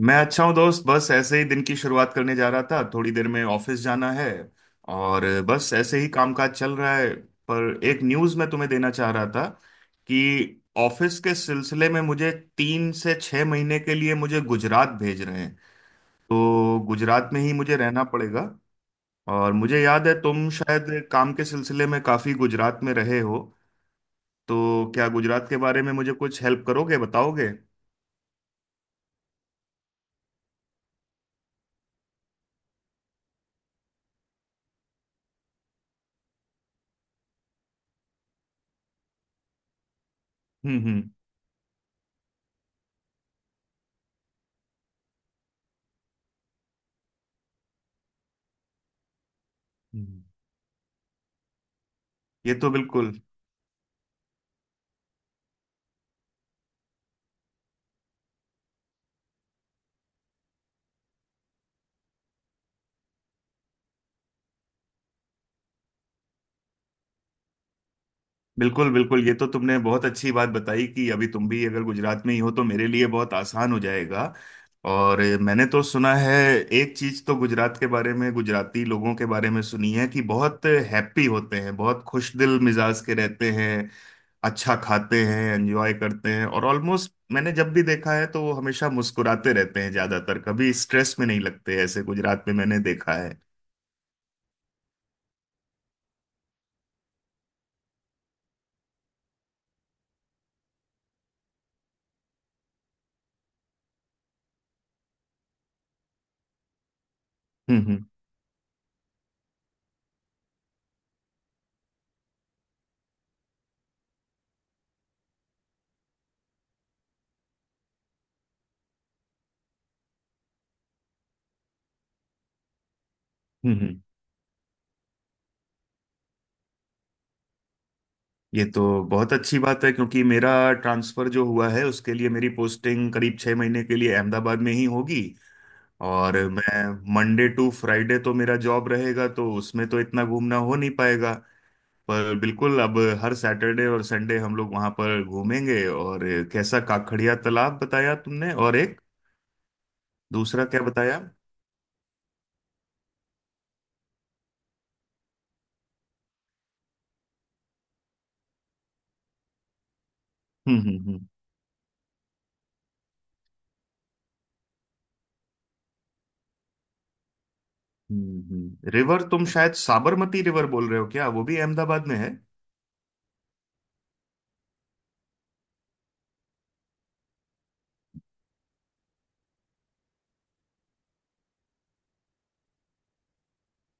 मैं अच्छा हूँ दोस्त। बस ऐसे ही दिन की शुरुआत करने जा रहा था, थोड़ी देर में ऑफिस जाना है। और बस ऐसे ही कामकाज चल रहा है। पर एक न्यूज़ मैं तुम्हें देना चाह रहा था कि ऑफिस के सिलसिले में मुझे 3 से 6 महीने के लिए मुझे गुजरात भेज रहे हैं। तो गुजरात में ही मुझे रहना पड़ेगा। और मुझे याद है तुम शायद काम के सिलसिले में काफ़ी गुजरात में रहे हो। तो क्या गुजरात के बारे में मुझे कुछ हेल्प करोगे, बताओगे? हम्म, हम्म, हम्म। ये तो बिल्कुल, बिल्कुल, बिल्कुल! ये तो तुमने बहुत अच्छी बात बताई कि अभी तुम भी अगर गुजरात में ही हो तो मेरे लिए बहुत आसान हो जाएगा। और मैंने तो सुना है, एक चीज तो गुजरात के बारे में, गुजराती लोगों के बारे में सुनी है कि बहुत हैप्पी होते हैं, बहुत खुश दिल मिजाज के रहते हैं, अच्छा खाते हैं, एंजॉय करते हैं। और ऑलमोस्ट मैंने जब भी देखा है तो वो हमेशा मुस्कुराते रहते हैं, ज्यादातर कभी स्ट्रेस में नहीं लगते, ऐसे गुजरात में मैंने देखा है। हम्म, हम्म, हम्म, ये तो बहुत अच्छी बात है क्योंकि मेरा ट्रांसफर जो हुआ है उसके लिए मेरी पोस्टिंग करीब 6 महीने के लिए अहमदाबाद में ही होगी। और मैं मंडे टू फ्राइडे तो मेरा जॉब रहेगा, तो उसमें तो इतना घूमना हो नहीं पाएगा। पर बिल्कुल, अब हर सैटरडे और संडे हम लोग वहां पर घूमेंगे। और कैसा काकड़िया तालाब बताया तुमने, और एक दूसरा क्या बताया? हम्म, हम्म, हम्म, हम्म, हम्म। रिवर तुम शायद साबरमती रिवर बोल रहे हो, क्या वो भी अहमदाबाद में है?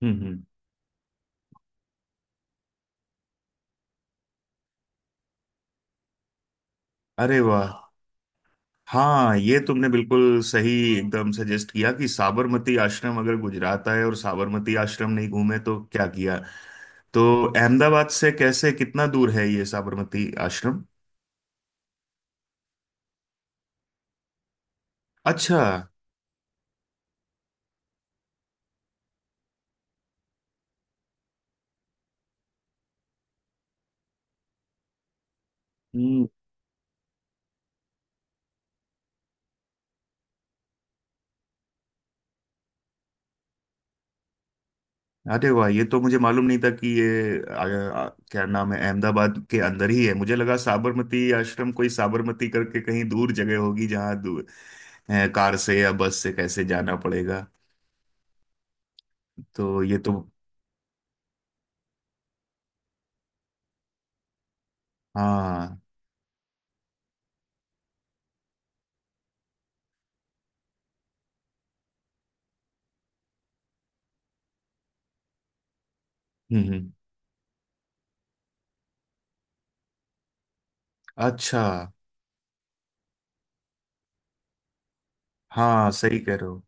हम्म, हम्म। अरे वाह! हाँ, ये तुमने बिल्कुल सही, एकदम सजेस्ट किया कि साबरमती आश्रम, अगर गुजरात आए और साबरमती आश्रम नहीं घूमे तो क्या किया। तो अहमदाबाद से कैसे, कितना दूर है ये साबरमती आश्रम? अच्छा। हम्म। अरे वाह! ये तो मुझे मालूम नहीं था कि ये आ, आ, क्या नाम है, अहमदाबाद के अंदर ही है। मुझे लगा साबरमती आश्रम कोई साबरमती करके कहीं दूर जगह होगी जहाँ दूर कार से या बस से कैसे जाना पड़ेगा। तो ये तो, हाँ। हम्म, अच्छा। हाँ सही कह रहे हो।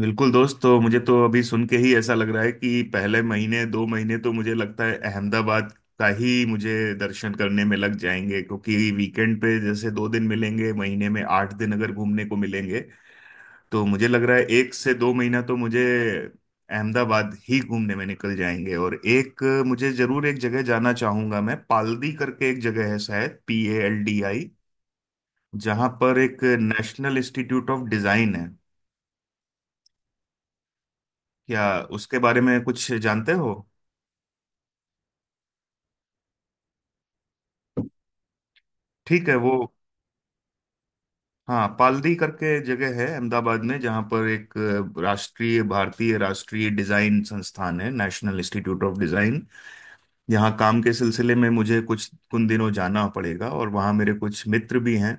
बिल्कुल दोस्त, तो मुझे तो अभी सुन के ही ऐसा लग रहा है कि पहले महीने, 2 महीने तो मुझे लगता है अहमदाबाद का ही मुझे दर्शन करने में लग जाएंगे। क्योंकि वीकेंड पे जैसे 2 दिन मिलेंगे, महीने में 8 दिन अगर घूमने को मिलेंगे, तो मुझे लग रहा है 1 से 2 महीना तो मुझे अहमदाबाद ही घूमने में निकल जाएंगे। और एक मुझे जरूर एक जगह जाना चाहूंगा, मैं पालदी करके एक जगह है शायद, PALDI, जहाँ पर एक नेशनल इंस्टीट्यूट ऑफ डिजाइन है। क्या उसके बारे में कुछ जानते हो? ठीक है वो। हाँ पालड़ी करके जगह है अहमदाबाद में जहाँ पर एक राष्ट्रीय, भारतीय राष्ट्रीय डिजाइन संस्थान है, नेशनल इंस्टीट्यूट ऑफ डिजाइन। यहाँ काम के सिलसिले में मुझे कुछ कुछ दिनों जाना पड़ेगा, और वहाँ मेरे कुछ मित्र भी हैं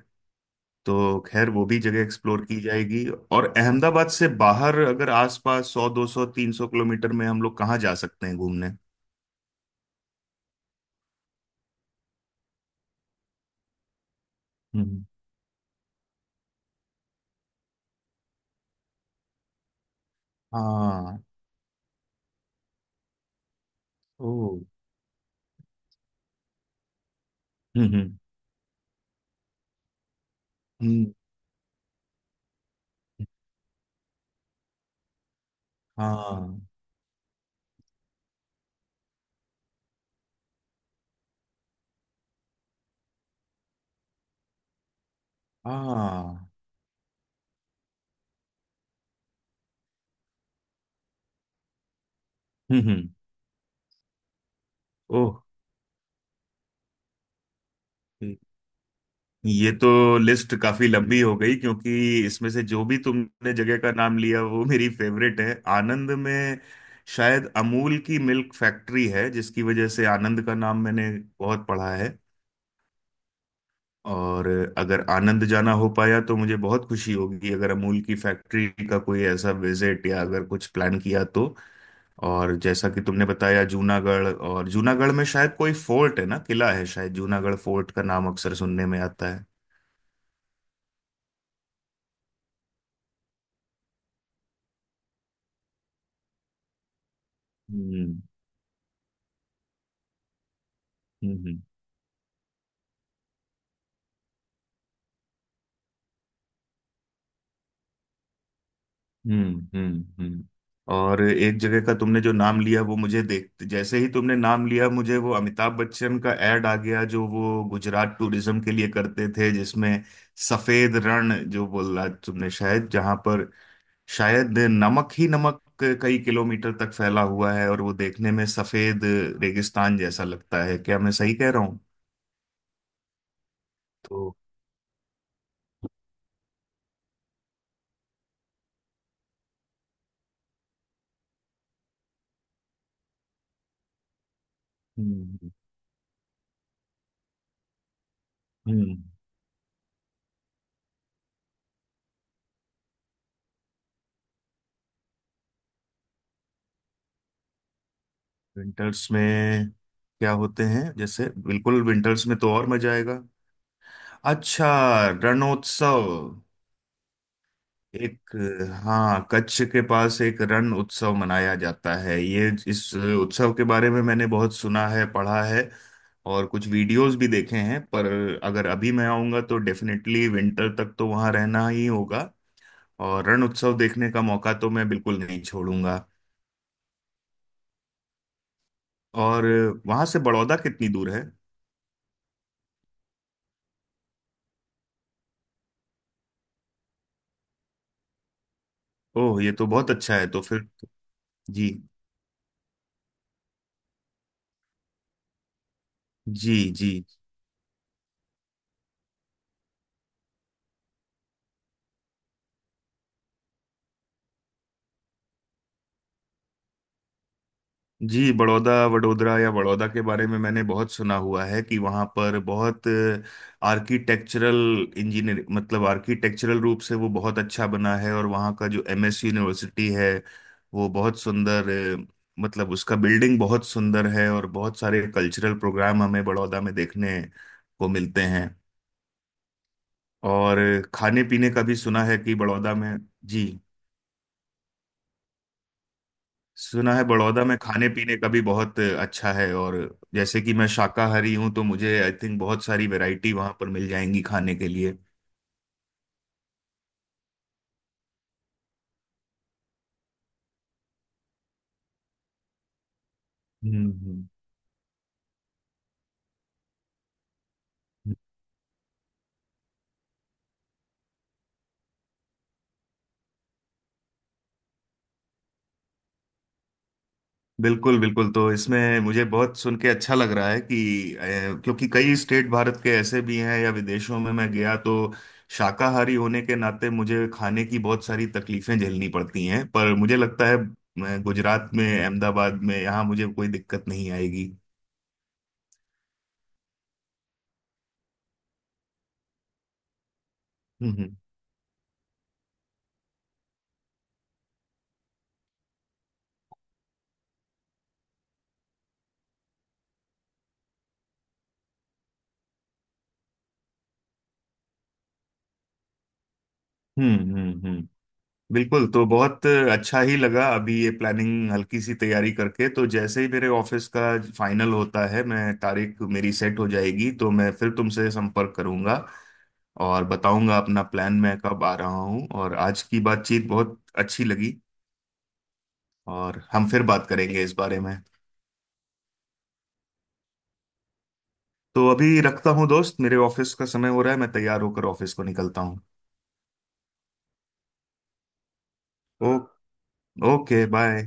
तो खैर वो भी जगह एक्सप्लोर की जाएगी। और अहमदाबाद से बाहर अगर आसपास 100, 200, 300 किलोमीटर में हम लोग कहाँ जा सकते हैं घूमने? हम्म। हाँ। ओ। हम्म, हम्म, हम्म, हाँ, हाँ, हम्म, हम्म। ओह ये तो लिस्ट काफी लंबी हो गई, क्योंकि इसमें से जो भी तुमने जगह का नाम लिया वो मेरी फेवरेट है। आनंद में शायद अमूल की मिल्क फैक्ट्री है, जिसकी वजह से आनंद का नाम मैंने बहुत पढ़ा है। और अगर आनंद जाना हो पाया तो मुझे बहुत खुशी होगी, अगर अमूल की फैक्ट्री का कोई ऐसा विजिट या अगर कुछ प्लान किया तो। और जैसा कि तुमने बताया जूनागढ़, और जूनागढ़ में शायद कोई फोर्ट है ना, किला है शायद, जूनागढ़ फोर्ट का नाम अक्सर सुनने में आता है। हम्म, हम्म, हम्म, हम्म, हम्म। और एक जगह का तुमने जो नाम लिया, वो मुझे देख जैसे ही तुमने नाम लिया मुझे वो अमिताभ बच्चन का एड आ गया जो वो गुजरात टूरिज्म के लिए करते थे, जिसमें सफेद रण जो बोला तुमने, शायद जहां पर शायद नमक ही नमक कई किलोमीटर तक फैला हुआ है और वो देखने में सफेद रेगिस्तान जैसा लगता है, क्या मैं सही कह रहा हूँ? तो हम्म, हम्म, विंटर्स में क्या होते हैं जैसे? बिल्कुल विंटर्स में तो और मजा आएगा। अच्छा। रणोत्सव। एक, हाँ, कच्छ के पास एक रण उत्सव मनाया जाता है। ये, इस उत्सव के बारे में मैंने बहुत सुना है, पढ़ा है, और कुछ वीडियोस भी देखे हैं। पर अगर अभी मैं आऊँगा तो डेफिनेटली विंटर तक तो वहाँ रहना ही होगा, और रण उत्सव देखने का मौका तो मैं बिल्कुल नहीं छोड़ूंगा। और वहाँ से बड़ौदा कितनी दूर है? ओह ये तो बहुत अच्छा है, तो फिर तो, जी, जी, जी, जी। बड़ौदा, वडोदरा या बड़ौदा के बारे में मैंने बहुत सुना हुआ है कि वहाँ पर बहुत आर्किटेक्चरल इंजीनियर, मतलब आर्किटेक्चरल रूप से वो बहुत अच्छा बना है, और वहाँ का जो एमएस यूनिवर्सिटी है वो बहुत सुंदर, अ, मतलब उसका बिल्डिंग बहुत सुंदर है और बहुत सारे कल्चरल प्रोग्राम हमें बड़ौदा में देखने को मिलते हैं। और खाने पीने का भी सुना है कि बड़ौदा में। जी। सुना है बड़ौदा में खाने पीने का भी बहुत अच्छा है, और जैसे कि मैं शाकाहारी हूँ तो मुझे आई थिंक बहुत सारी वैरायटी वहां पर मिल जाएंगी खाने के लिए। हम्म, बिल्कुल, बिल्कुल, तो इसमें मुझे बहुत सुन के अच्छा लग रहा है कि क्योंकि कई स्टेट भारत के ऐसे भी हैं या विदेशों में मैं गया तो शाकाहारी होने के नाते मुझे खाने की बहुत सारी तकलीफें झेलनी पड़ती हैं, पर मुझे लगता है मैं गुजरात में, अहमदाबाद में यहाँ मुझे कोई दिक्कत नहीं आएगी। हम्म, हम्म, हम्म, बिल्कुल। तो बहुत अच्छा ही लगा अभी, ये प्लानिंग हल्की सी तैयारी करके, तो जैसे ही मेरे ऑफिस का फाइनल होता है, मैं तारीख मेरी सेट हो जाएगी तो मैं फिर तुमसे संपर्क करूंगा और बताऊंगा अपना प्लान मैं कब आ रहा हूं। और आज की बातचीत बहुत अच्छी लगी, और हम फिर बात करेंगे इस बारे में। तो अभी रखता हूं दोस्त, मेरे ऑफिस का समय हो रहा है, मैं तैयार होकर ऑफिस को निकलता हूँ। ओ। Okay, bye.